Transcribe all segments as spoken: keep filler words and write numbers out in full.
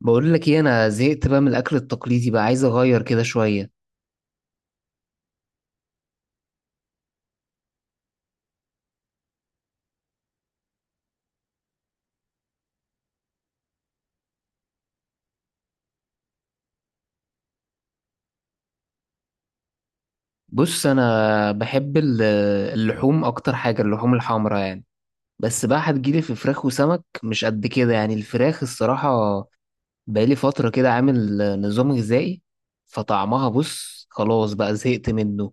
بقول لك ايه، انا زهقت بقى من الاكل التقليدي، بقى عايز اغير كده شويه. بص، انا بحب ال- اللحوم اكتر حاجه، اللحوم الحمراء يعني. بس بقى هتجيلي في فراخ وسمك مش قد كده يعني، الفراخ الصراحه بقالي فتره كده عامل نظام غذائي، فطعمها بص خلاص بقى زهقت منه.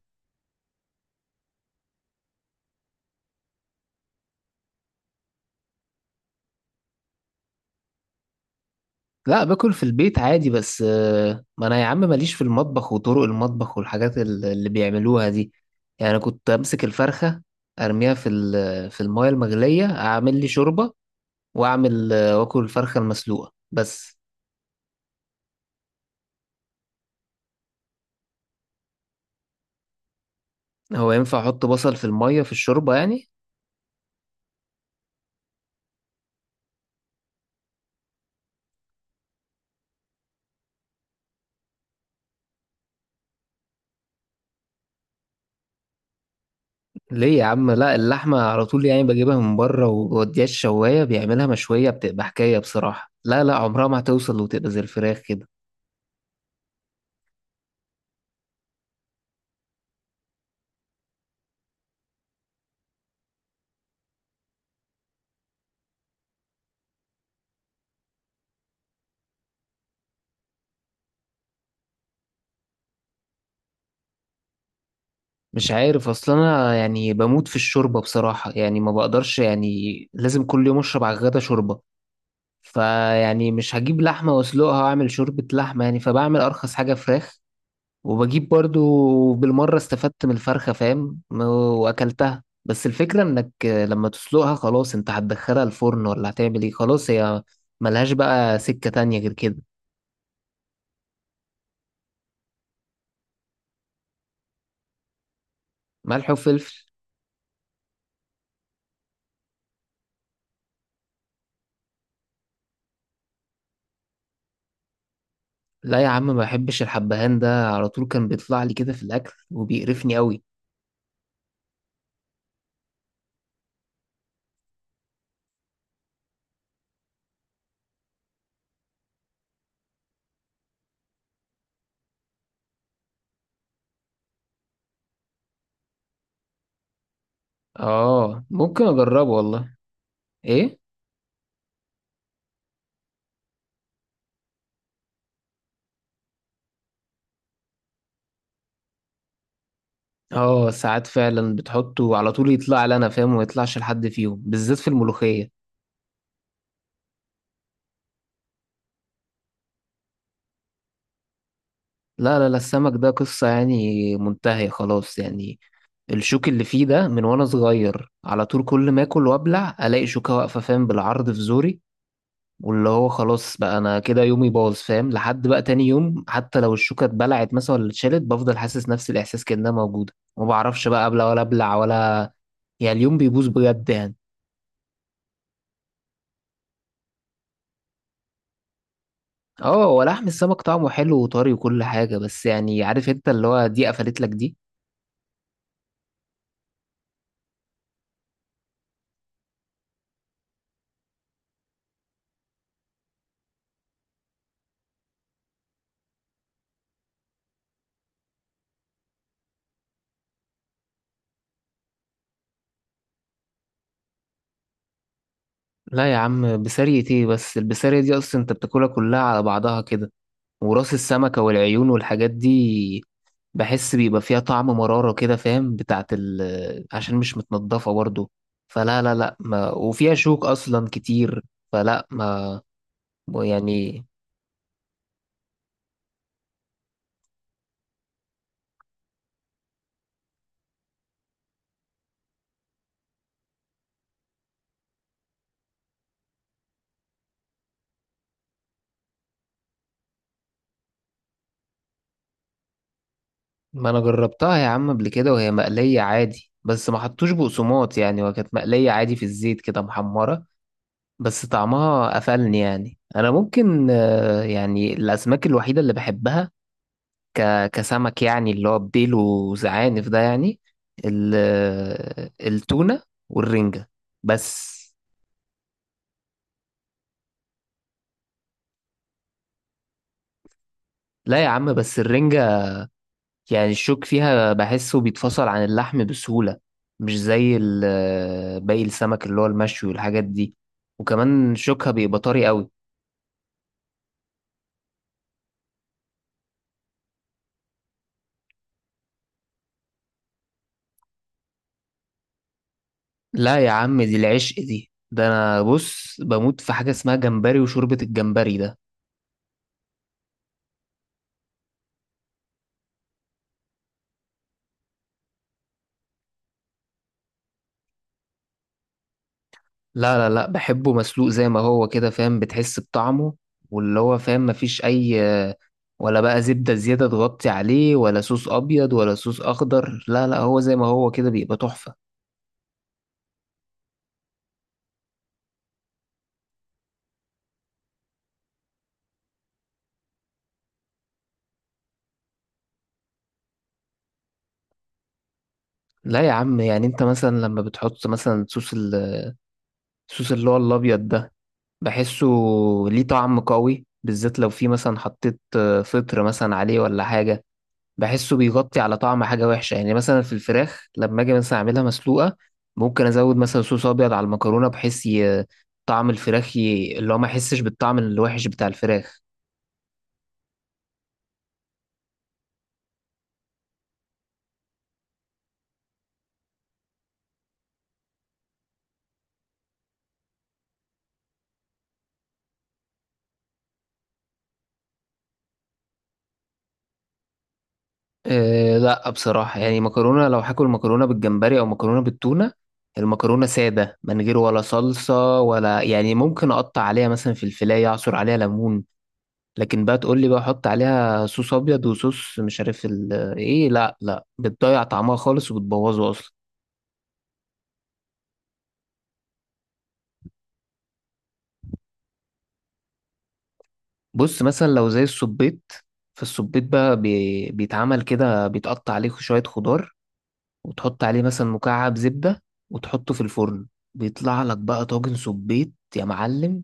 لا، باكل في البيت عادي بس. آه، ما انا يا عم ماليش في المطبخ وطرق المطبخ والحاجات ال- اللي بيعملوها دي. يعني انا كنت امسك الفرخة، ارميها في ال- في المايه المغلية، اعمل لي شوربة، واعمل آه، واكل الفرخة المسلوقة بس. هو ينفع احط بصل في المايه في الشوربة يعني؟ ليه يا عم؟ لا اللحمة على طول يعني بجيبها من بره وبوديها الشواية، بيعملها مشوية، بتبقى حكاية بصراحة. لا، لا، عمرها ما هتوصل وتبقى زي الفراخ كده. مش عارف، اصل انا يعني بموت في الشوربه بصراحه يعني، ما بقدرش يعني لازم كل يوم اشرب على الغدا شوربه. فيعني مش هجيب لحمه واسلقها واعمل شوربه لحمه يعني، فبعمل ارخص حاجه فراخ، وبجيب برضو بالمره استفدت من الفرخه فاهم م- واكلتها. بس الفكره انك لما تسلقها خلاص انت هتدخلها الفرن ولا هتعمل ايه، خلاص هي ملهاش بقى سكه تانية غير كده. ملح وفلفل. لا يا عم، ما بحبش الحبهان ده، على طول كان بيطلع لي كده في الاكل وبيقرفني قوي. اه، ممكن اجربه والله. ايه؟ اه ساعات فعلا بتحطه على طول، يطلع لي انا فاهم وما يطلعش لحد فيهم، بالذات في الملوخية. لا، لا، لا، السمك ده قصة يعني منتهية خلاص يعني. الشوك اللي فيه ده من وانا صغير، على طول كل ما اكل وابلع الاقي شوكة واقفة فاهم بالعرض في زوري، واللي هو خلاص بقى انا كده يومي باظ فاهم، لحد بقى تاني يوم حتى لو الشوكة اتبلعت مثلا ولا اتشالت بفضل حاسس نفس الاحساس كأنها موجودة، ما بعرفش بقى ابلع ولا ابلع ولا، يعني اليوم بيبوظ بجد يعني. اه، هو لحم السمك طعمه حلو وطري وكل حاجة بس يعني، عارف انت اللي هو دي قفلت لك دي. لا يا عم، بسارية ايه؟ بس البسارية دي اصلا انت بتاكلها كلها على بعضها كده، وراس السمكة والعيون والحاجات دي، بحس بيبقى فيها طعم مرارة كده فاهم، بتاعت ال عشان مش متنضفة برضو. فلا، لا، لا، ما وفيها شوك اصلا كتير، فلا ما يعني. ما انا جربتها يا عم قبل كده، وهي مقلية عادي بس ما حطوش بقسماط يعني، وكانت مقلية عادي في الزيت كده محمرة. بس طعمها قفلني يعني، انا ممكن آه، يعني الاسماك الوحيده اللي بحبها ك... كسمك يعني، اللي هو بديل وزعانف ده يعني، ال... آه، التونه والرنجه بس. لا يا عم، بس الرنجه يعني الشوك فيها بحسه بيتفصل عن اللحم بسهوله، مش زي ال... آه، باقي السمك اللي هو المشوي والحاجات دي، وكمان شوكها بيبقى طري قوي. لا يا عم، دي العشق دي، ده انا بص بموت في حاجه اسمها جمبري وشوربه الجمبري ده. لا، لا، لا، بحبه مسلوق زي ما هو كده فاهم، بتحس بطعمه، واللي هو فاهم مفيش أي، ولا بقى زبدة زيادة تغطي عليه ولا صوص أبيض ولا صوص أخضر. لا، لا، هو زي ما هو كده بيبقى تحفة. لا يا عم، يعني أنت مثلا لما بتحط مثلا صوص ال- الصوص اللي هو الأبيض ده، بحسه ليه طعم قوي، بالذات لو في مثلا حطيت فطر مثلا عليه ولا حاجة، بحسه بيغطي على طعم حاجة وحشة. يعني مثلا في الفراخ لما أجي مثلا أعملها مسلوقة، ممكن أزود مثلا صوص أبيض على المكرونة بحيث ي... طعم الفراخ ي... اللي هو ما أحسش بالطعم الوحش بتاع الفراخ. أه لا، بصراحة يعني مكرونة، لو هاكل مكرونة بالجمبري أو مكرونة بالتونة، المكرونة سادة من غير ولا صلصة، ولا يعني ممكن أقطع عليها مثلا في الفلاية أعصر عليها ليمون. لكن بقى تقول لي بقى أحط عليها صوص أبيض وصوص مش عارف ال... إيه، لا، لا، بتضيع طعمها خالص وبتبوظه أصلا. بص مثلا لو زي السبيط، فالسبيط بقى بي... بيتعمل كده، بيتقطع عليه شوية خضار، وتحط عليه مثلا مكعب زبدة، وتحطه في الفرن، بيطلع لك بقى طاجن سبيط يا معلم،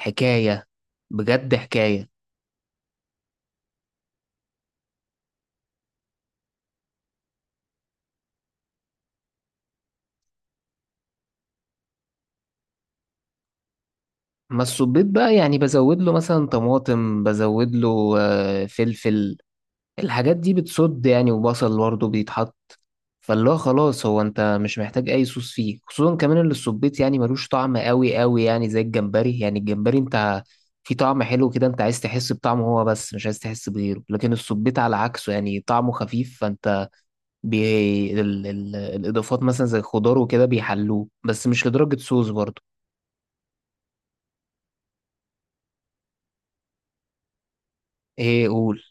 حكاية، بجد حكاية. ما السبيط بقى يعني بزود له مثلا طماطم، بزود له آه، فلفل، الحاجات دي بتصد يعني، وبصل برضه بيتحط، فاللي هو خلاص، هو انت مش محتاج اي صوص فيه، خصوصا كمان اللي الصبيط يعني ملوش طعم قوي قوي يعني، زي الجمبري يعني. الجمبري انت في طعم حلو كده، انت عايز تحس بطعمه هو بس، مش عايز تحس بغيره، لكن الصبيط على عكسه يعني طعمه خفيف، فانت بي... ال... ال... الاضافات مثلا زي الخضار وكده بيحلوه، بس مش لدرجة صوص برضه. ايه، قول.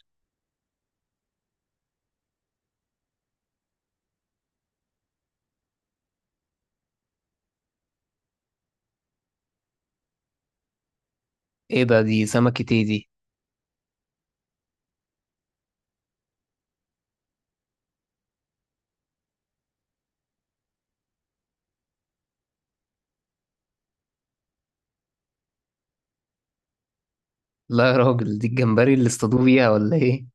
ايه ده؟ دي سمكة ايه دي؟ لا يا راجل، دي الجمبري اللي اصطادوه بيها ولا ايه؟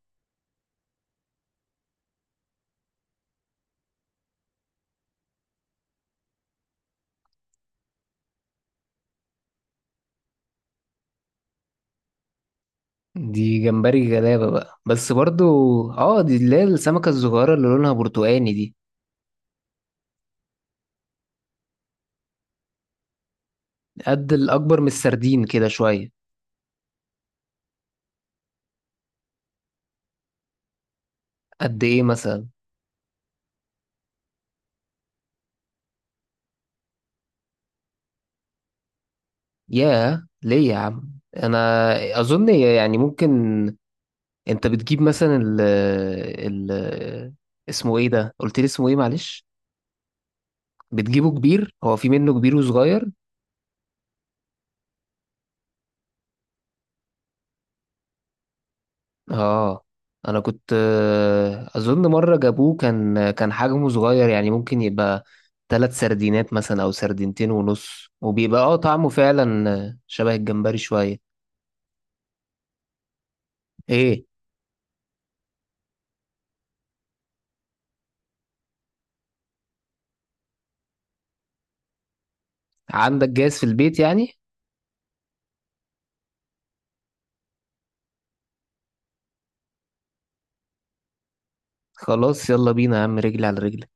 دي جمبري غلابة بقى بس برضو. اه، دي اللي هي السمكة الصغيرة اللي لونها برتقاني دي؟ قد الأكبر من السردين كده شوية؟ قد إيه مثلا؟ ياه، ليه يا عم؟ أنا أظن يعني ممكن، أنت بتجيب مثلا ال ال اسمه إيه ده، قلت لي اسمه إيه معلش؟ بتجيبه كبير؟ هو في منه كبير وصغير. اه انا كنت آه، اظن مره جابوه، كان كان حجمه صغير يعني، ممكن يبقى ثلاث سردينات مثلا او سردينتين ونص، وبيبقى اه طعمه فعلا آه، شبه الجمبري شويه. ايه؟ عندك جاهز في البيت يعني؟ خلاص يلا بينا يا عم، رجلي على رجلي.